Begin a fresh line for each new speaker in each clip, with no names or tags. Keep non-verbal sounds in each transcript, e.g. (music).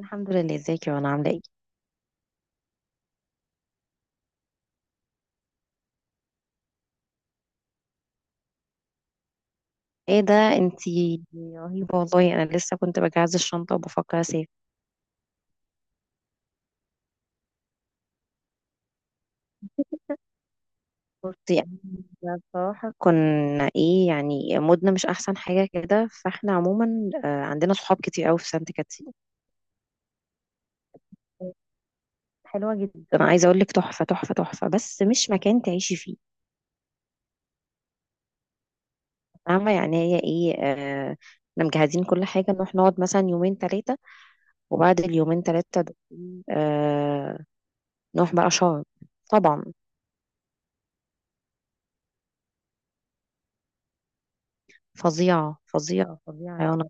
الحمد لله، ازيك يا، وانا عامله ايه؟ ايه ده! انتي رهيبه والله، انا لسه كنت بجهز الشنطه وبفكر اسافر. بصي، يعني، بصراحه كنا ايه يعني مودنا مش احسن حاجه كده، فاحنا عموما عندنا صحاب كتير قوي في سانت كاترين. حلوه جدا، انا عايزه اقول لك تحفه تحفه تحفه، بس مش مكان تعيشي فيه. فاهمه، يعني هي ايه. احنا مجهزين كل حاجه، نروح نقعد مثلا يومين ثلاثه، وبعد اليومين ثلاثه دول آه، نروح بقى شرم، طبعا. فظيعة فظيعة فظيعة يا رنا.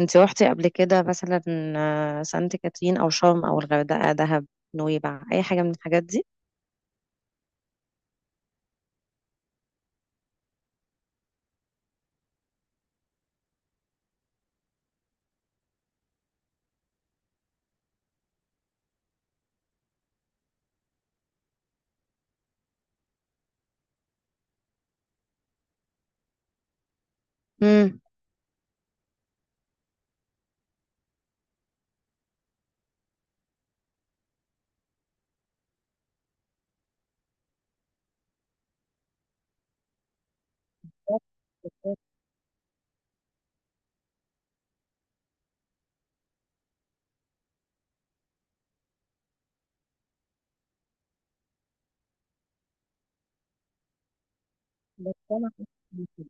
انت روحتي قبل كده مثلا؟ سانت كاترين او شرم او الغردقة، دهب، نويبع، اي حاجة من الحاجات دي. امم. بس بس انا حاسة-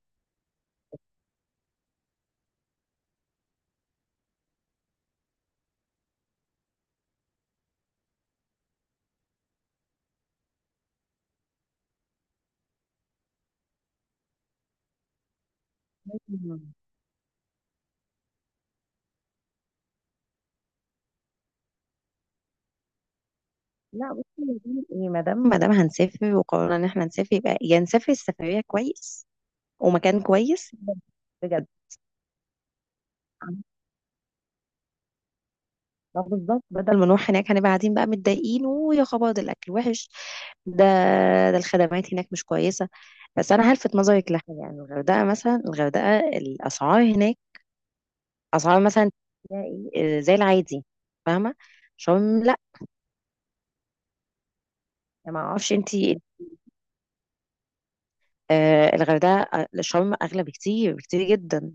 لا، بصي، يا دي ايه، ما دام هنسافر وقررنا ان احنا نسافر، يبقى يا نسافر السفرية كويس ومكان كويس بجد. ما بالظبط، بدل ما نروح هناك هنبقى قاعدين بقى متضايقين، ويا خبر ده الاكل وحش، ده ده الخدمات هناك مش كويسة. بس أنا هلفت نظرك لحاجة، يعني الغردقة مثلا، الغردقة الأسعار هناك، أسعار مثلا تلاقي زي العادي. فاهمة؟ شرم لأ، ما أعرفش أنتي. الغردقة، شرم أغلى بكتير بكتير جدا.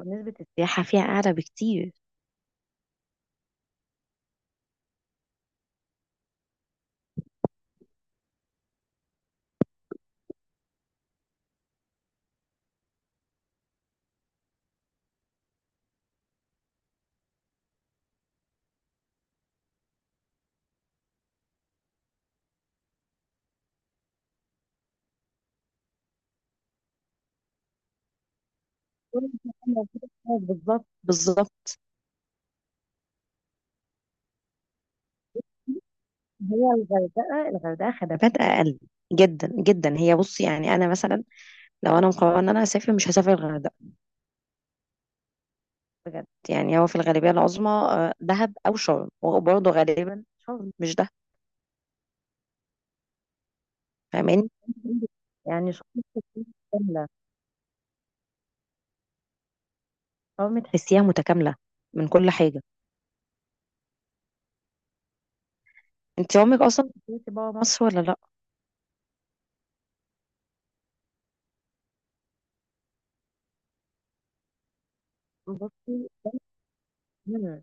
ونسبة السياحة فيها أعلى بكتير. بالظبط، بالظبط. هي الغردقة خدمات أقل جدا جدا. هي بصي يعني، أنا مثلا لو أنا مقررة إن أنا أسافر، مش هسافر الغردقة بجد. يعني هو في الغالبية العظمى دهب أو شرم، وبرضه غالبا شرم مش دهب. فاهماني؟ يعني شرم تحسيها متكاملة. شرم تحسيها متكاملة من كل حاجة. انت عمرك أصلا سافرتي برا مصر ولا لأ؟ بصي. مم.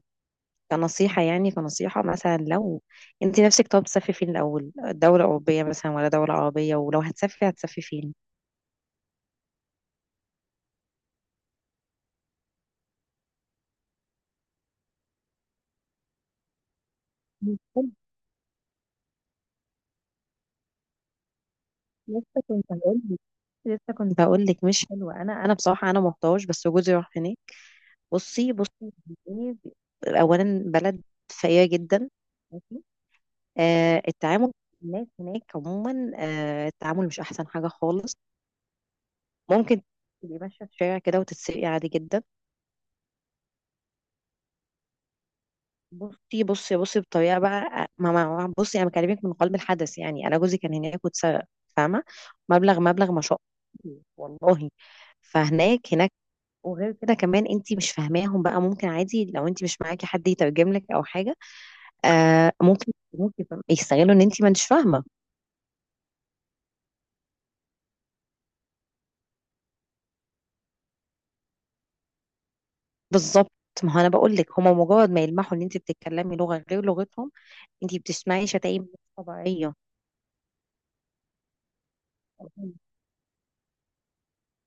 كنصيحة، يعني كنصيحة مثلا، لو انت نفسك طب تسافري فين الأول، دولة أوروبية مثلا ولا دولة عربية؟ ولو هتسافري فين؟ مش حلو. لسه كنت هقول لك لسه كنت هقول لك مش حلوة. أنا بصراحة أنا محتاج، بس جوزي راح هناك. بصي، بصي، إيه، اولا بلد فقيره جدا، ماشي. التعامل مع الناس هناك عموما، التعامل مش احسن حاجه خالص. ممكن تبقي ماشيه في الشارع كده وتتسرقي عادي جدا. بصي، بصي، بصي، بطريقه بقى، بصي انا بكلمك من قلب الحدث، يعني انا جوزي كان هناك واتسرق. فاهمه؟ مبلغ، مبلغ ما شاء الله، والله. فهناك. وغير كده كمان انت مش فاهماهم بقى، ممكن عادي لو انت مش معاكي حد يترجم لك او حاجه، ممكن يستغلوا ان انت ما انتش فاهمه. بالظبط. ما هو انا بقول لك، هما مجرد ما يلمحوا ان انت بتتكلمي لغه غير لغتهم، انت بتسمعي شتايم مش طبيعيه. (laughs)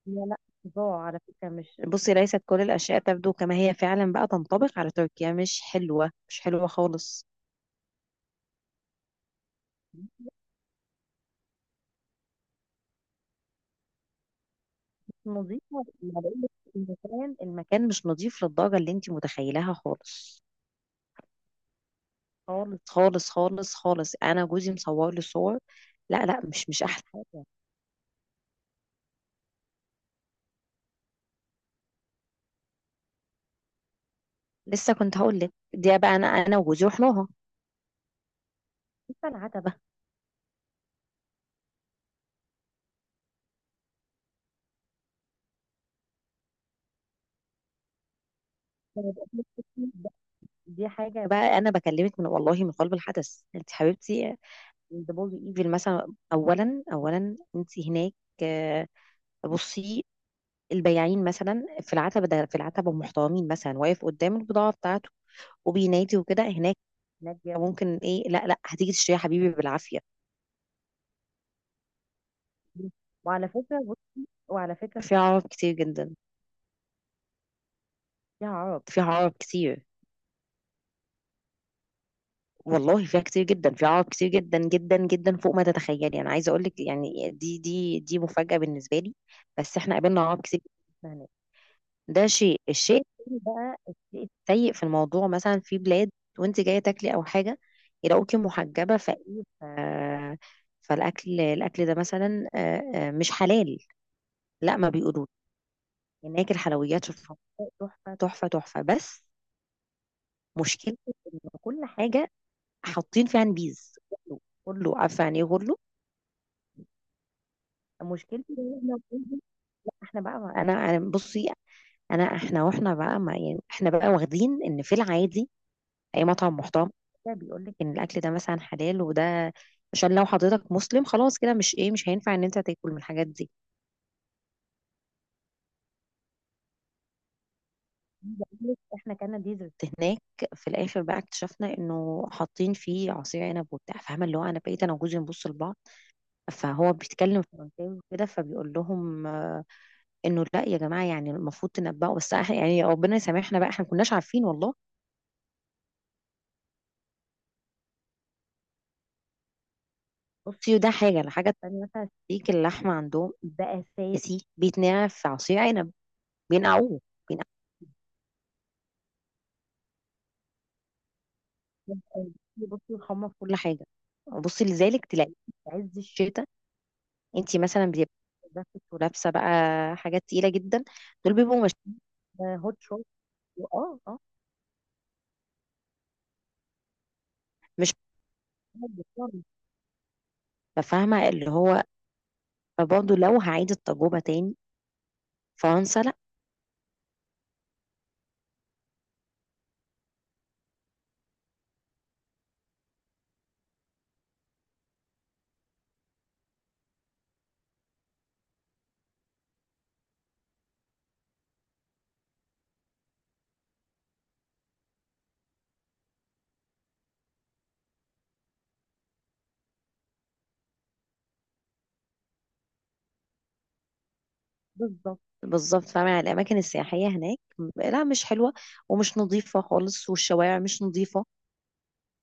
لا، لا. صداع على فكره، مش بصي ليست كل الاشياء تبدو كما هي فعلا بقى تنطبق على تركيا، مش حلوه، مش حلوه خالص. مش نظيفه، ما بقولك، المكان مش نظيف للدرجه اللي انت متخيلها خالص، خالص، خالص، خالص، خالص. انا جوزي مصور لي صور. لا، لا، مش احلى حاجه. لسه كنت هقول لك دي بقى، انا وجوزي رحناها. لسه العتبه. دي حاجه بقى، انا بكلمك من، والله، من قلب الحدث انت حبيبتي. دبل ايفل مثلا، اولا انت هناك. آه، بصي، البياعين مثلا في العتبه، ده في العتبه محترمين مثلا، واقف قدام البضاعه بتاعته وبينادي وكده. هناك، هناك ممكن ايه، لا لا، هتيجي تشتريها حبيبي بالعافيه. وعلى فكرة بص، وعلى فكرة في عرب كتير جدا. فيها عرب كتير، والله فيها كتير جدا، فيها عوائق كتير جدا جدا جدا فوق ما تتخيلي. انا عايزه اقول لك يعني، دي مفاجاه بالنسبه لي، بس احنا قابلنا عوائق كتير جدا هناك. ده شيء الشيء التاني بقى، الشيء السيء في الموضوع، مثلا في بلاد وانت جايه تاكلي او حاجه يلاقوكي محجبه فايه، ف... فالاكل الاكل ده مثلا مش حلال. لا، ما بيقولوش. هناك الحلويات شوفها، تحفه تحفه تحفه، بس مشكلة إن كل حاجة حاطين فيها نبيذ. غلو، غلو، عارفه يعني ايه غلو؟ مشكلتي ان احنا، لا احنا بقى، انا بصي، احنا بقى ما يعني، احنا بقى واخدين ان في العادي اي مطعم محترم كده بيقول لك ان الاكل ده مثلا حلال وده، عشان لو حضرتك مسلم خلاص كده، مش هينفع ان انت تاكل من الحاجات دي. عايزة أقول لك احنا كان ديزرت هناك، في الاخر بقى اكتشفنا انه حاطين فيه عصير عنب وبتاع. فاهمه اللي هو، انا بقيت انا وجوزي نبص لبعض، فهو بيتكلم فرنساوي وكده فبيقول لهم انه لا يا جماعه، يعني المفروض تنبهوا، بس احنا يعني ربنا يسامحنا بقى، احنا ما كناش عارفين والله. بصي، ده حاجه الحاجه التانيه مثلا، ستيك اللحمه عندهم ده اساسي بيتنقع في عصير عنب. بينقعوه، بينقعوه. بصي يحمر كل حاجه، وبصي لذلك تلاقي في عز الشتاء انت مثلا بتبقي جاكيت ولابسه بقى حاجات تقيله جدا، دول بيبقوا مش هوت شوت. اه، اه. مش. (laughs) فاهمه اللي هو، برضه لو هعيد التجربه تاني، فرنسا لا. بالظبط، بالظبط. فاهمة، يعني الأماكن السياحية هناك لا، مش حلوة، ومش نظيفة خالص، والشوارع مش نظيفة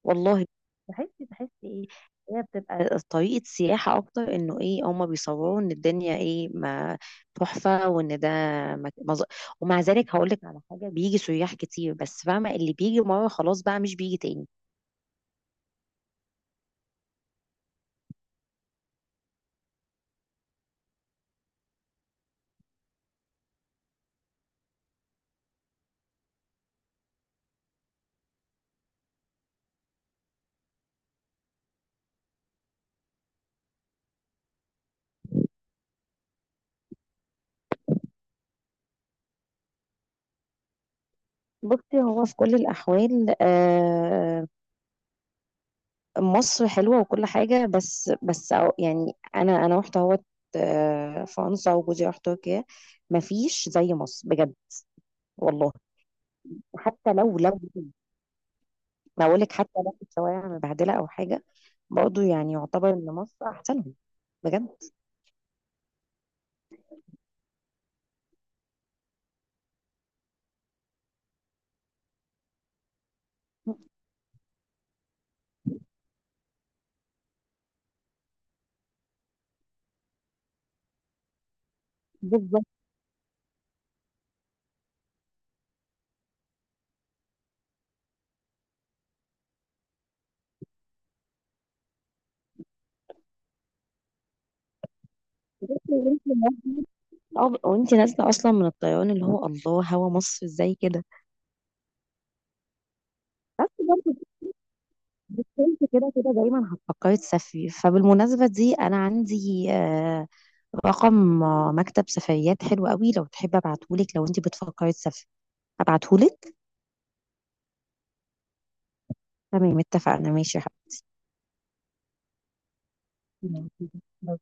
والله. بحس ايه، هي بتبقى طريقة سياحة أكتر، إنه ايه، هما بيصوروا إن الدنيا ايه ما تحفة، وإن ده مك... مز... ومع ذلك هقولك على حاجة، بيجي سياح كتير، بس فاهمة اللي بيجي مرة خلاص بقى مش بيجي تاني. بصي هو في كل الأحوال مصر حلوة وكل حاجة، بس يعني أنا رحت أهوت فرنسا، وجوزي راح تركيا. مفيش زي مصر بجد، والله. حتى لو ما أقولك، حتى لو الشوارع مبهدلة أو حاجة، برضه يعني يعتبر إن مصر أحسنهم بجد. بالظبط. (laughs) وانت نازله. وانت نازله اصلا من الطيران اللي هو، الله، هوا مصر ازاي كده. بس برضه، انت كده كده دايما هتفكري تسافري، فبالمناسبه دي انا عندي رقم مكتب سفريات حلو قوي، لو تحب ابعتهولك، لو انت بتفكري تسافري ابعتهولك. تمام، اتفقنا، ماشي يا حبيبي.